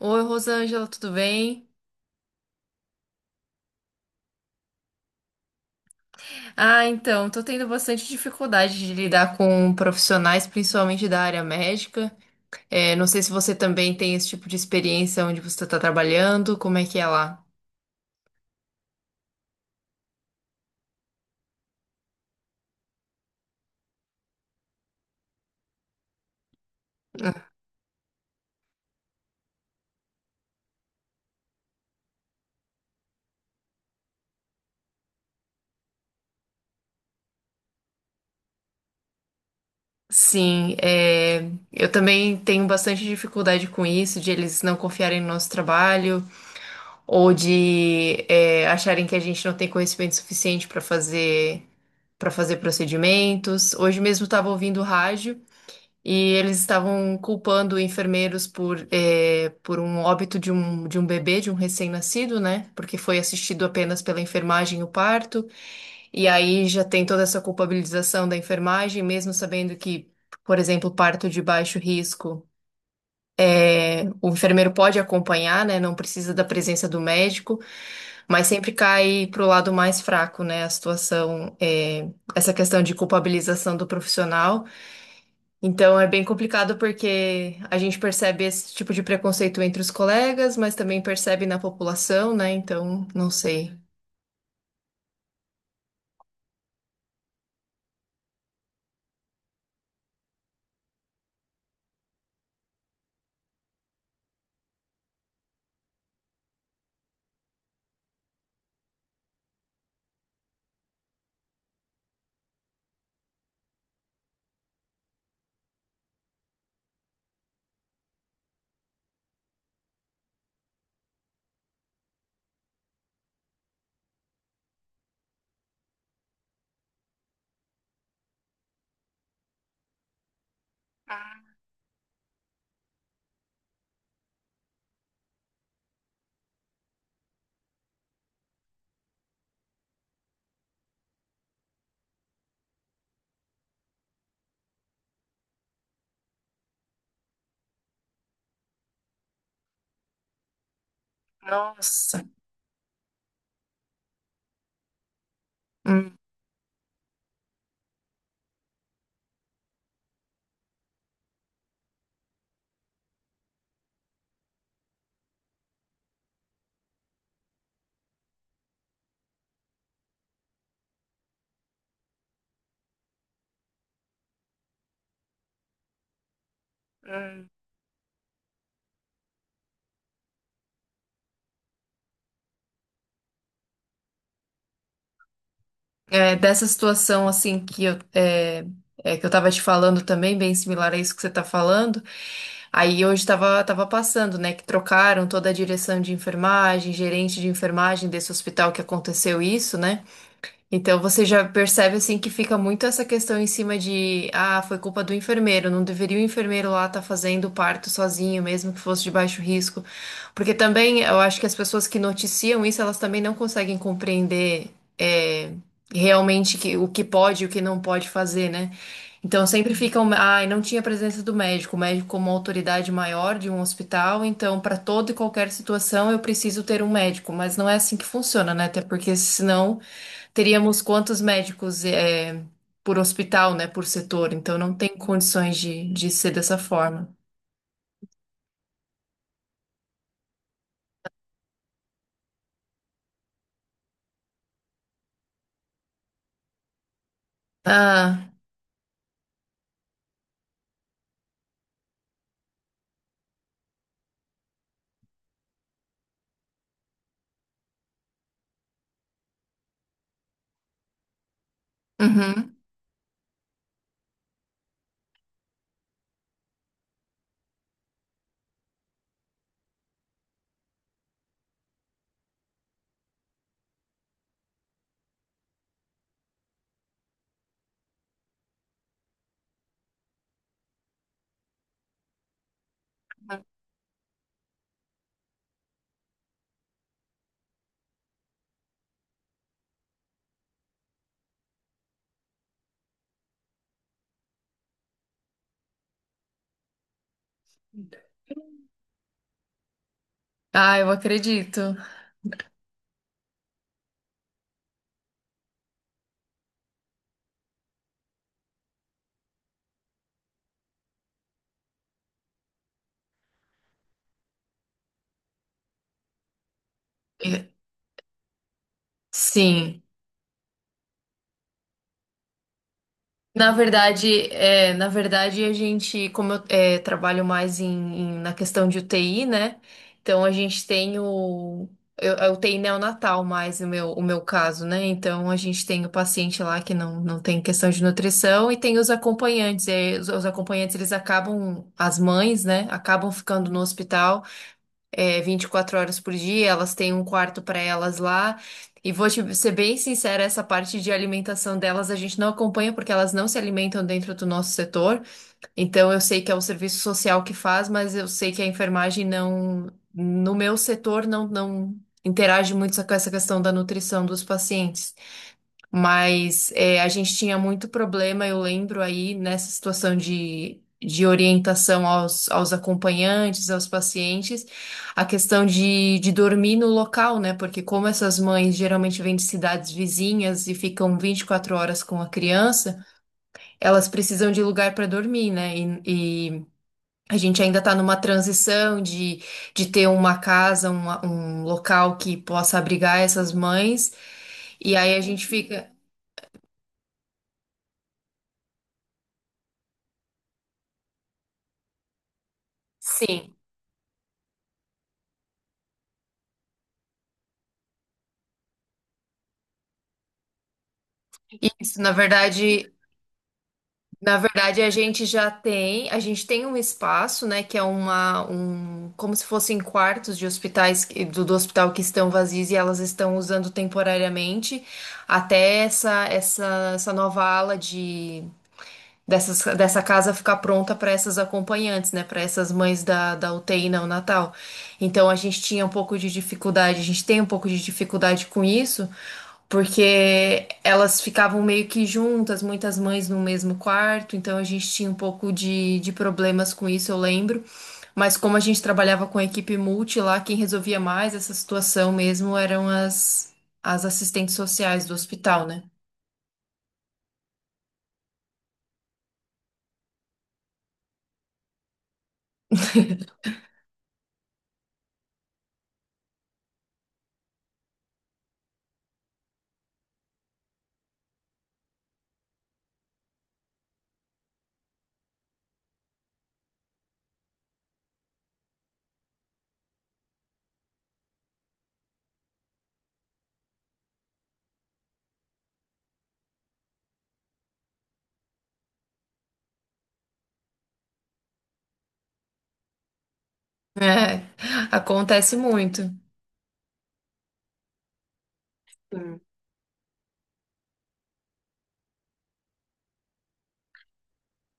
Oi, Rosângela, tudo bem? Ah, então, tô tendo bastante dificuldade de lidar com profissionais, principalmente da área médica. É, não sei se você também tem esse tipo de experiência onde você está trabalhando, como é que é lá? Sim, eu também tenho bastante dificuldade com isso, de eles não confiarem no nosso trabalho ou de acharem que a gente não tem conhecimento suficiente para fazer procedimentos. Hoje mesmo estava ouvindo rádio. E eles estavam culpando enfermeiros por um óbito de um bebê, de um recém-nascido, né? Porque foi assistido apenas pela enfermagem o parto. E aí já tem toda essa culpabilização da enfermagem, mesmo sabendo que, por exemplo, parto de baixo risco, o enfermeiro pode acompanhar, né? Não precisa da presença do médico, mas sempre cai pro lado mais fraco, né? A situação, essa questão de culpabilização do profissional. Então é bem complicado porque a gente percebe esse tipo de preconceito entre os colegas, mas também percebe na população, né? Então, não sei. Nossa. Hum. Hum. É, dessa situação assim que eu tava te falando também, bem similar a isso que você tá falando. Aí hoje tava passando, né? Que trocaram toda a direção de enfermagem, gerente de enfermagem desse hospital que aconteceu isso, né? Então você já percebe assim que fica muito essa questão em cima de, ah, foi culpa do enfermeiro, não deveria o enfermeiro lá estar fazendo o parto sozinho, mesmo que fosse de baixo risco. Porque também eu acho que as pessoas que noticiam isso, elas também não conseguem compreender é, realmente que, o que pode e o que não pode fazer, né? Então sempre ficam, ah, e não tinha presença do médico, o médico como autoridade maior de um hospital, então para toda e qualquer situação eu preciso ter um médico, mas não é assim que funciona, né? Até porque senão teríamos quantos médicos por hospital, né, por setor, então não tem condições de ser dessa forma. Ah, uhum. Ah, eu acredito. E- Sim. Na verdade, a gente, como eu trabalho mais na questão de UTI, né? Então a gente tem eu, é UTI neonatal mais o meu caso, né? Então a gente tem o paciente lá que não tem questão de nutrição e tem os acompanhantes. E aí, os acompanhantes, eles acabam, as mães, né? Acabam ficando no hospital 24 horas por dia, elas têm um quarto para elas lá. E vou te ser bem sincera, essa parte de alimentação delas a gente não acompanha porque elas não se alimentam dentro do nosso setor. Então eu sei que é o serviço social que faz, mas eu sei que a enfermagem não, no meu setor não interage muito com essa questão da nutrição dos pacientes. Mas a gente tinha muito problema, eu lembro aí, nessa situação de orientação aos acompanhantes, aos pacientes, a questão de dormir no local, né? Porque como essas mães geralmente vêm de cidades vizinhas e ficam 24 horas com a criança, elas precisam de lugar para dormir, né? E a gente ainda está numa transição de ter uma casa, um local que possa abrigar essas mães, e aí a gente fica. Sim. Isso, na verdade a gente tem um espaço, né, que é um, como se fossem quartos de hospitais do hospital que estão vazios e elas estão usando temporariamente até essa nova ala dessa casa ficar pronta para essas acompanhantes, né, para essas mães da UTI neonatal. Então a gente tinha um pouco de dificuldade, a gente tem um pouco de dificuldade com isso porque elas ficavam meio que juntas, muitas mães no mesmo quarto, então a gente tinha um pouco de problemas com isso, eu lembro. Mas como a gente trabalhava com a equipe multi lá, quem resolvia mais essa situação mesmo eram as assistentes sociais do hospital, né? É, acontece muito.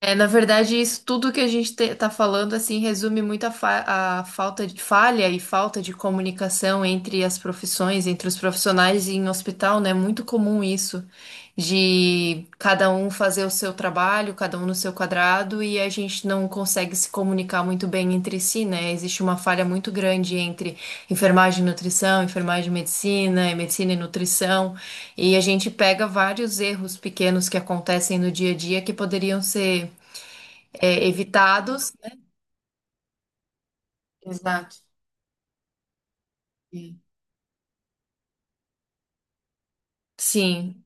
É, na verdade, isso tudo que a gente tá falando, assim, resume muito a falta de falha e falta de comunicação entre as profissões, entre os profissionais em hospital, né? É muito comum isso, de cada um fazer o seu trabalho, cada um no seu quadrado, e a gente não consegue se comunicar muito bem entre si, né? Existe uma falha muito grande entre enfermagem e nutrição, enfermagem e medicina, e medicina e nutrição. E a gente pega vários erros pequenos que acontecem no dia a dia que poderiam ser evitados. Exato. Sim. Sim.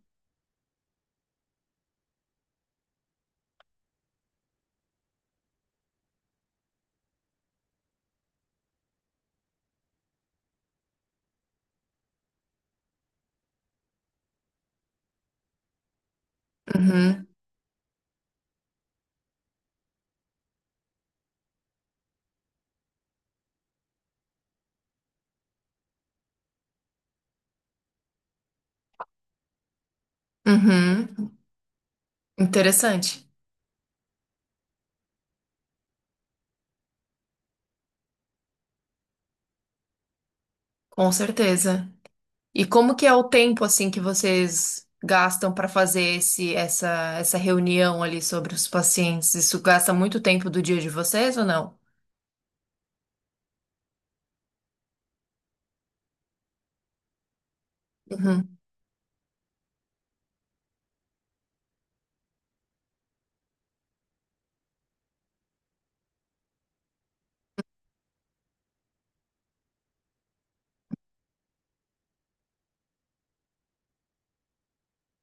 Uhum. Uhum. Interessante, com certeza. E como que é o tempo assim que vocês gastam para fazer essa reunião ali sobre os pacientes? Isso gasta muito tempo do dia de vocês ou não? Uhum.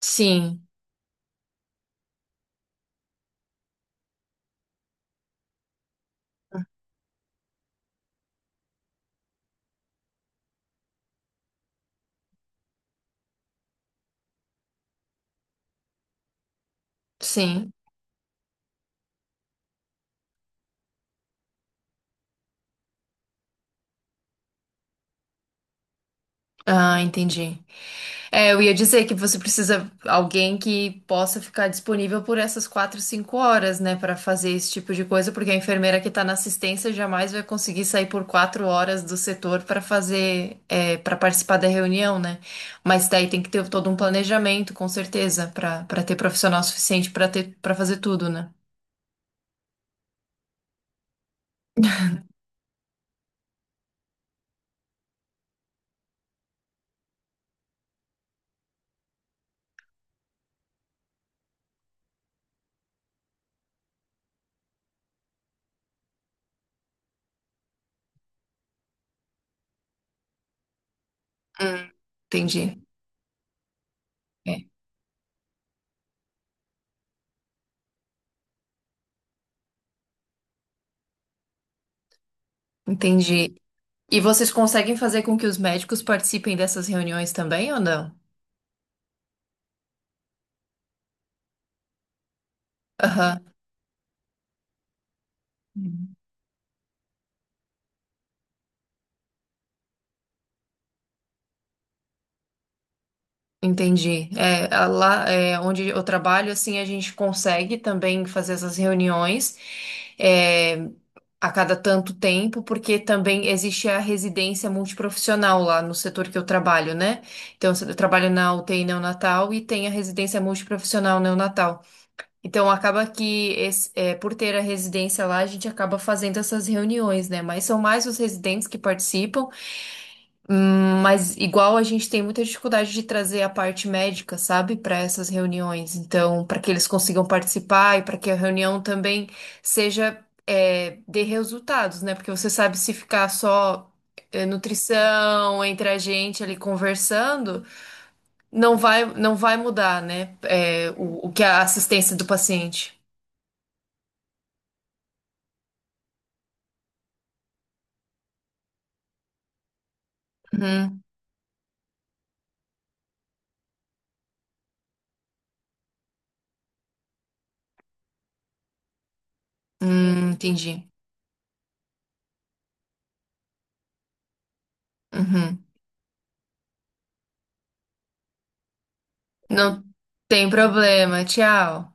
Sim, sim. Ah, entendi. É, eu ia dizer que você precisa alguém que possa ficar disponível por essas 4, 5 horas, né, para fazer esse tipo de coisa, porque a enfermeira que está na assistência jamais vai conseguir sair por 4 horas do setor para participar da reunião, né? Mas daí tem que ter todo um planejamento, com certeza, pra para ter profissional suficiente pra ter para fazer tudo, né? Hum. Entendi. É, entendi. E vocês conseguem fazer com que os médicos participem dessas reuniões também ou não? Aham. Entendi. É, lá onde eu trabalho, assim, a gente consegue também fazer essas reuniões é, a cada tanto tempo, porque também existe a residência multiprofissional lá no setor que eu trabalho, né? Então, eu trabalho na UTI neonatal e tem a residência multiprofissional neonatal. Então, acaba que, por ter a residência lá, a gente acaba fazendo essas reuniões, né? Mas são mais os residentes que participam. Mas igual a gente tem muita dificuldade de trazer a parte médica, sabe, para essas reuniões. Então, para que eles consigam participar e para que a reunião também seja dê resultados, né? Porque você sabe se ficar só nutrição entre a gente ali conversando, não vai mudar, né? O que é a assistência do paciente. Uhum. Entendi. Uhum. Não tem problema. Tchau.